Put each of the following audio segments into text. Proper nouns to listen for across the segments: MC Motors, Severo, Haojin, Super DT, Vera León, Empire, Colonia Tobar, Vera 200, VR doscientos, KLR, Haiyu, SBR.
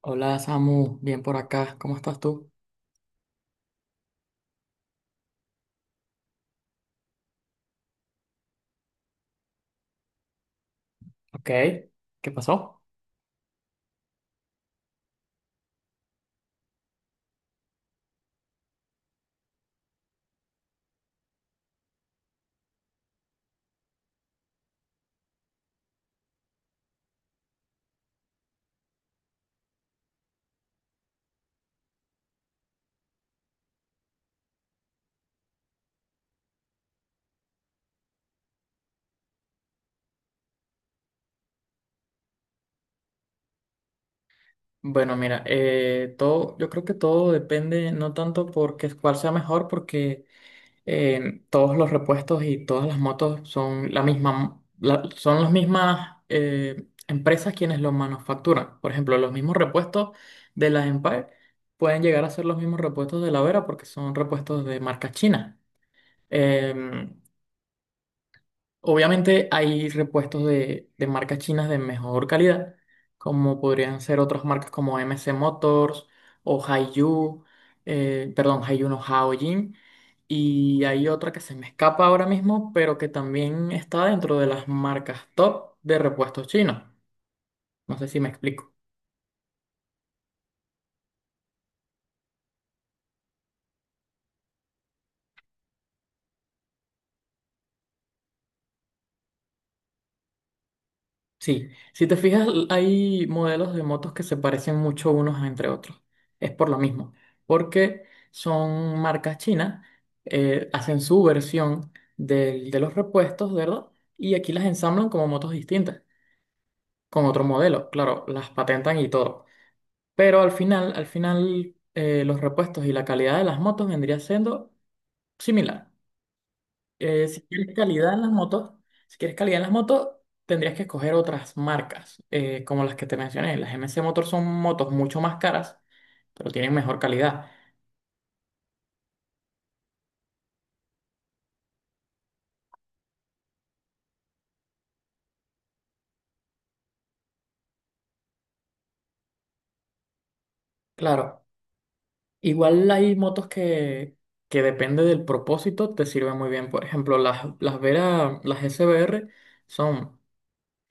Hola Samu, bien por acá, ¿cómo estás tú? Ok, ¿qué pasó? Bueno, mira, todo, yo creo que todo depende no tanto porque cuál sea mejor, porque todos los repuestos y todas las motos son la misma, son las mismas empresas quienes los manufacturan. Por ejemplo, los mismos repuestos de la Empire pueden llegar a ser los mismos repuestos de la Vera porque son repuestos de marca china. Em, Obviamente hay repuestos de marcas chinas de mejor calidad, como podrían ser otras marcas como MC Motors o Haiyu, perdón, Haiyu no Haojin. Y hay otra que se me escapa ahora mismo, pero que también está dentro de las marcas top de repuestos chinos. No sé si me explico. Sí, si te fijas, hay modelos de motos que se parecen mucho unos a entre otros. Es por lo mismo, porque son marcas chinas, hacen su versión de los repuestos, ¿verdad? Y aquí las ensamblan como motos distintas, con otro modelo, claro, las patentan y todo. Pero al final, los repuestos y la calidad de las motos vendría siendo similar. Si quieres calidad en las motos, si quieres calidad en las motos, tendrías que escoger otras marcas, como las que te mencioné. Las MC Motor son motos mucho más caras, pero tienen mejor calidad. Claro, igual hay motos que depende del propósito, te sirven muy bien. Por ejemplo, las Vera, las SBR son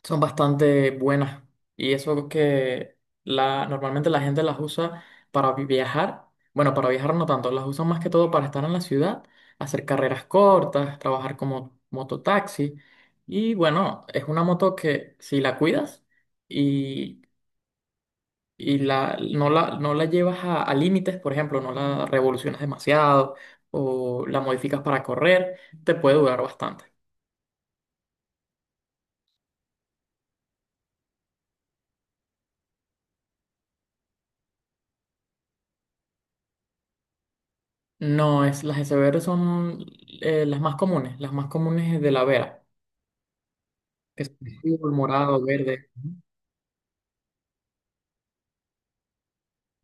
son bastante buenas, y eso que normalmente la gente las usa para viajar, bueno, para viajar no tanto, las usan más que todo para estar en la ciudad, hacer carreras cortas, trabajar como mototaxi, y bueno, es una moto que si la cuidas y, y no la llevas a límites, por ejemplo, no la revolucionas demasiado o la modificas para correr, te puede durar bastante. No, las de Severo son las más comunes de la Vera, que son azul, morado, verde.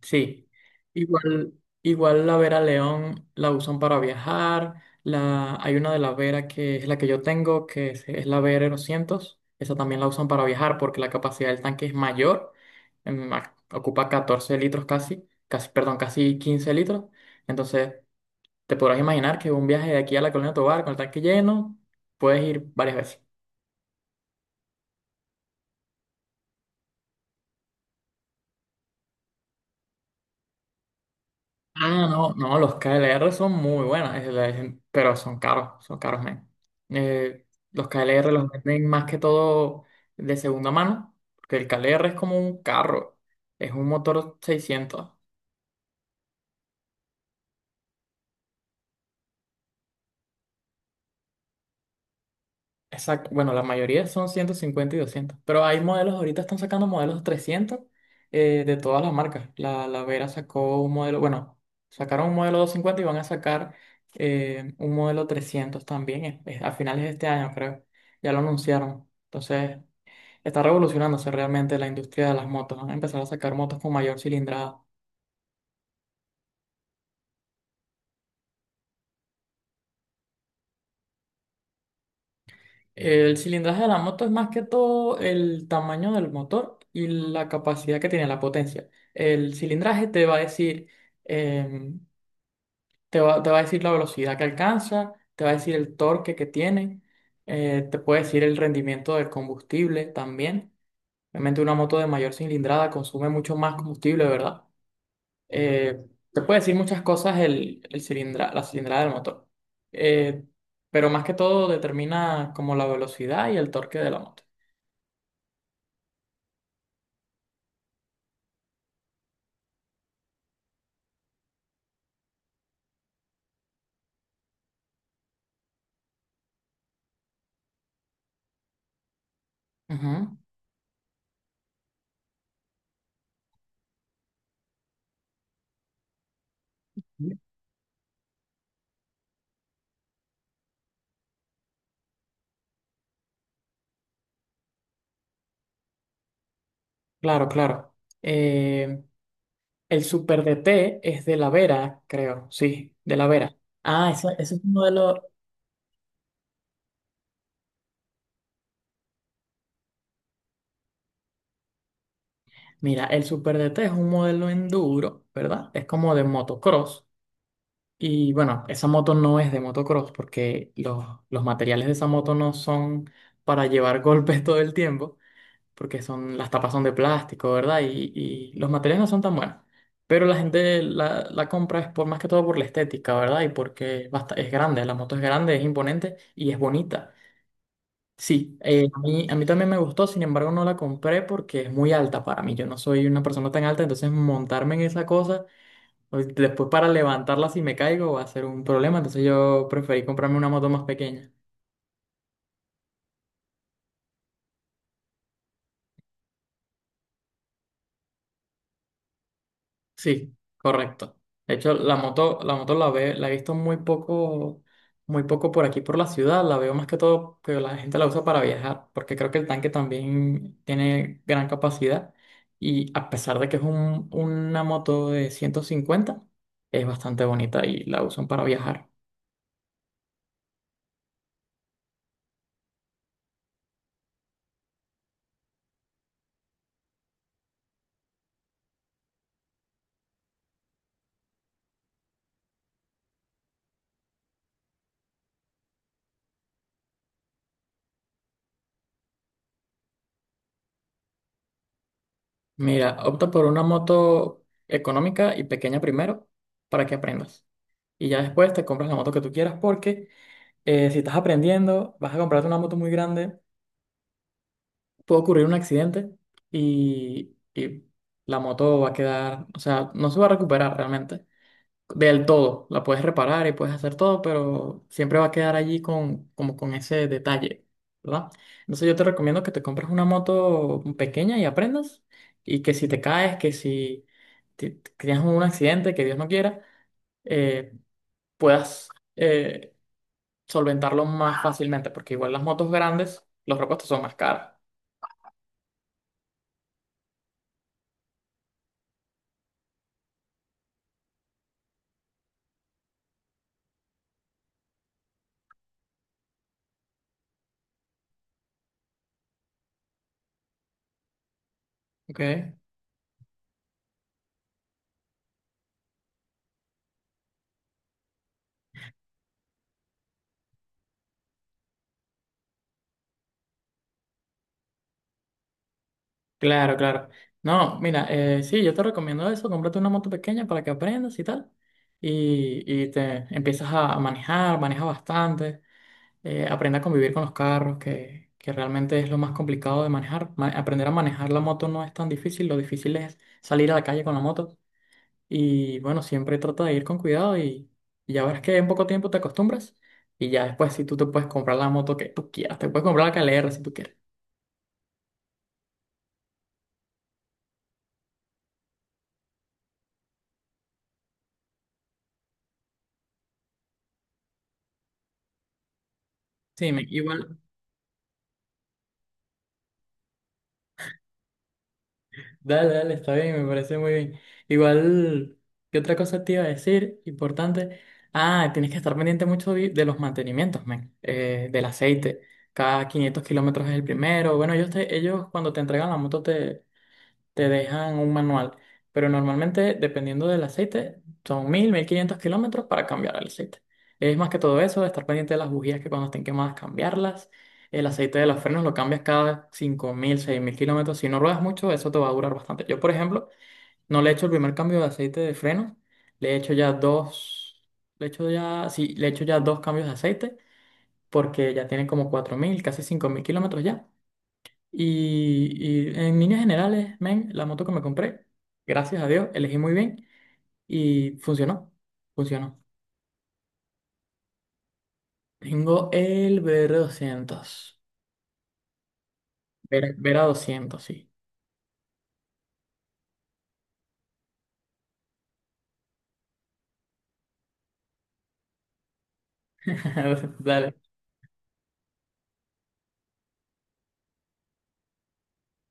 Sí, igual, igual la Vera León la usan para viajar, hay una de la Vera que es la que yo tengo, que es la Vera 200, esa también la usan para viajar porque la capacidad del tanque es mayor, ocupa 14 litros casi, perdón, casi 15 litros, entonces te podrás imaginar que un viaje de aquí a la Colonia Tobar con el tanque lleno, puedes ir varias veces. Ah, no, no, los KLR son muy buenas, pero son caros, men. Los KLR los venden más que todo de segunda mano, porque el KLR es como un carro, es un motor 600. Exacto. Bueno, la mayoría son 150 y 200, pero hay modelos, ahorita están sacando modelos 300 de todas las marcas. La Vera sacó un modelo, bueno, sacaron un modelo 250, y van a sacar un modelo 300 también, a finales de este año, creo. Ya lo anunciaron. Entonces, está revolucionándose realmente la industria de las motos. Van a empezar a sacar motos con mayor cilindrada. El cilindraje de la moto es más que todo el tamaño del motor y la capacidad que tiene, la potencia. El cilindraje te va a decir, em, te va a decir la velocidad que alcanza, te va a decir el torque que tiene, te puede decir el rendimiento del combustible también. Obviamente una moto de mayor cilindrada consume mucho más combustible, ¿verdad? Eh, te puede decir muchas cosas la cilindrada del motor, Eh, pero más que todo determina como la velocidad y el torque de la moto. Ujú. Claro, claro. Eh, el Super DT es de la Vera, creo, sí, de la Vera. Ah, ese es un modelo. Mira, el Super DT es un modelo enduro, ¿verdad? Es como de motocross. Y bueno, esa moto no es de motocross porque los materiales de esa moto no son para llevar golpes todo el tiempo, porque las tapas son de plástico, ¿verdad? Y los materiales no son tan buenos. Pero la gente la compra es por más que todo por la estética, ¿verdad? Y porque es grande, la moto es grande, es imponente y es bonita. Sí, a mí también me gustó, sin embargo no la compré porque es muy alta para mí. Yo no soy una persona tan alta, entonces montarme en esa cosa, después, para levantarla si me caigo, va a ser un problema, entonces yo preferí comprarme una moto más pequeña. Sí, correcto. De hecho, la moto la he visto muy poco por aquí por la ciudad. La veo más que todo que la gente la usa para viajar, porque creo que el tanque también tiene gran capacidad. Y a pesar de que es una moto de 150, es bastante bonita y la usan para viajar. Mira, opta por una moto económica y pequeña primero para que aprendas. Y ya después te compras la moto que tú quieras, porque si estás aprendiendo, vas a comprarte una moto muy grande, puede ocurrir un accidente y la moto va a quedar, o sea, no se va a recuperar realmente del todo. La puedes reparar y puedes hacer todo, pero siempre va a quedar allí como con ese detalle, ¿verdad? Entonces yo te recomiendo que te compres una moto pequeña y aprendas, y que si te caes, que si tienes un accidente, que Dios no quiera, eh, puedas eh, solventarlo más fácilmente, porque igual las motos grandes, los repuestos son más caros. Ok, claro, claro. No, mira, sí, yo te recomiendo eso, cómprate una moto pequeña para que aprendas y tal, y te empiezas a manejar, maneja bastante, aprende a convivir con los carros, que realmente es lo más complicado de manejar. Aprender a manejar la moto no es tan difícil, lo difícil es salir a la calle con la moto. Y bueno, siempre trata de ir con cuidado, y ya verás que en poco tiempo te acostumbras. Y ya después, si tú te puedes comprar la moto que tú quieras, te puedes comprar la KLR si tú quieres. Sí, igual, dale, dale, está bien, me parece muy bien. Igual, ¿qué otra cosa te iba a decir? Importante. Ah, tienes que estar pendiente mucho de los mantenimientos, men, del aceite. Cada 500 kilómetros es el primero. Bueno, ellos cuando te entregan la moto te dejan un manual, pero normalmente, dependiendo del aceite, son 1.000, 1.500 kilómetros para cambiar el aceite. Es más que todo eso, estar pendiente de las bujías, que cuando estén quemadas cambiarlas. El aceite de los frenos lo cambias cada 5.000, 6.000 kilómetros. Si no ruedas mucho, eso te va a durar bastante. Yo, por ejemplo, no le he hecho el primer cambio de aceite de frenos, le he hecho ya dos, le he hecho ya, sí, le he hecho ya dos cambios de aceite, porque ya tiene como 4.000, casi 5.000 kilómetros ya. Y en líneas generales, men, la moto que me compré, gracias a Dios, elegí muy bien y funcionó. Funcionó. Tengo el VR 200, Vera, Vera 200, sí. Dale,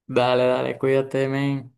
dale, dale, cuídate, men.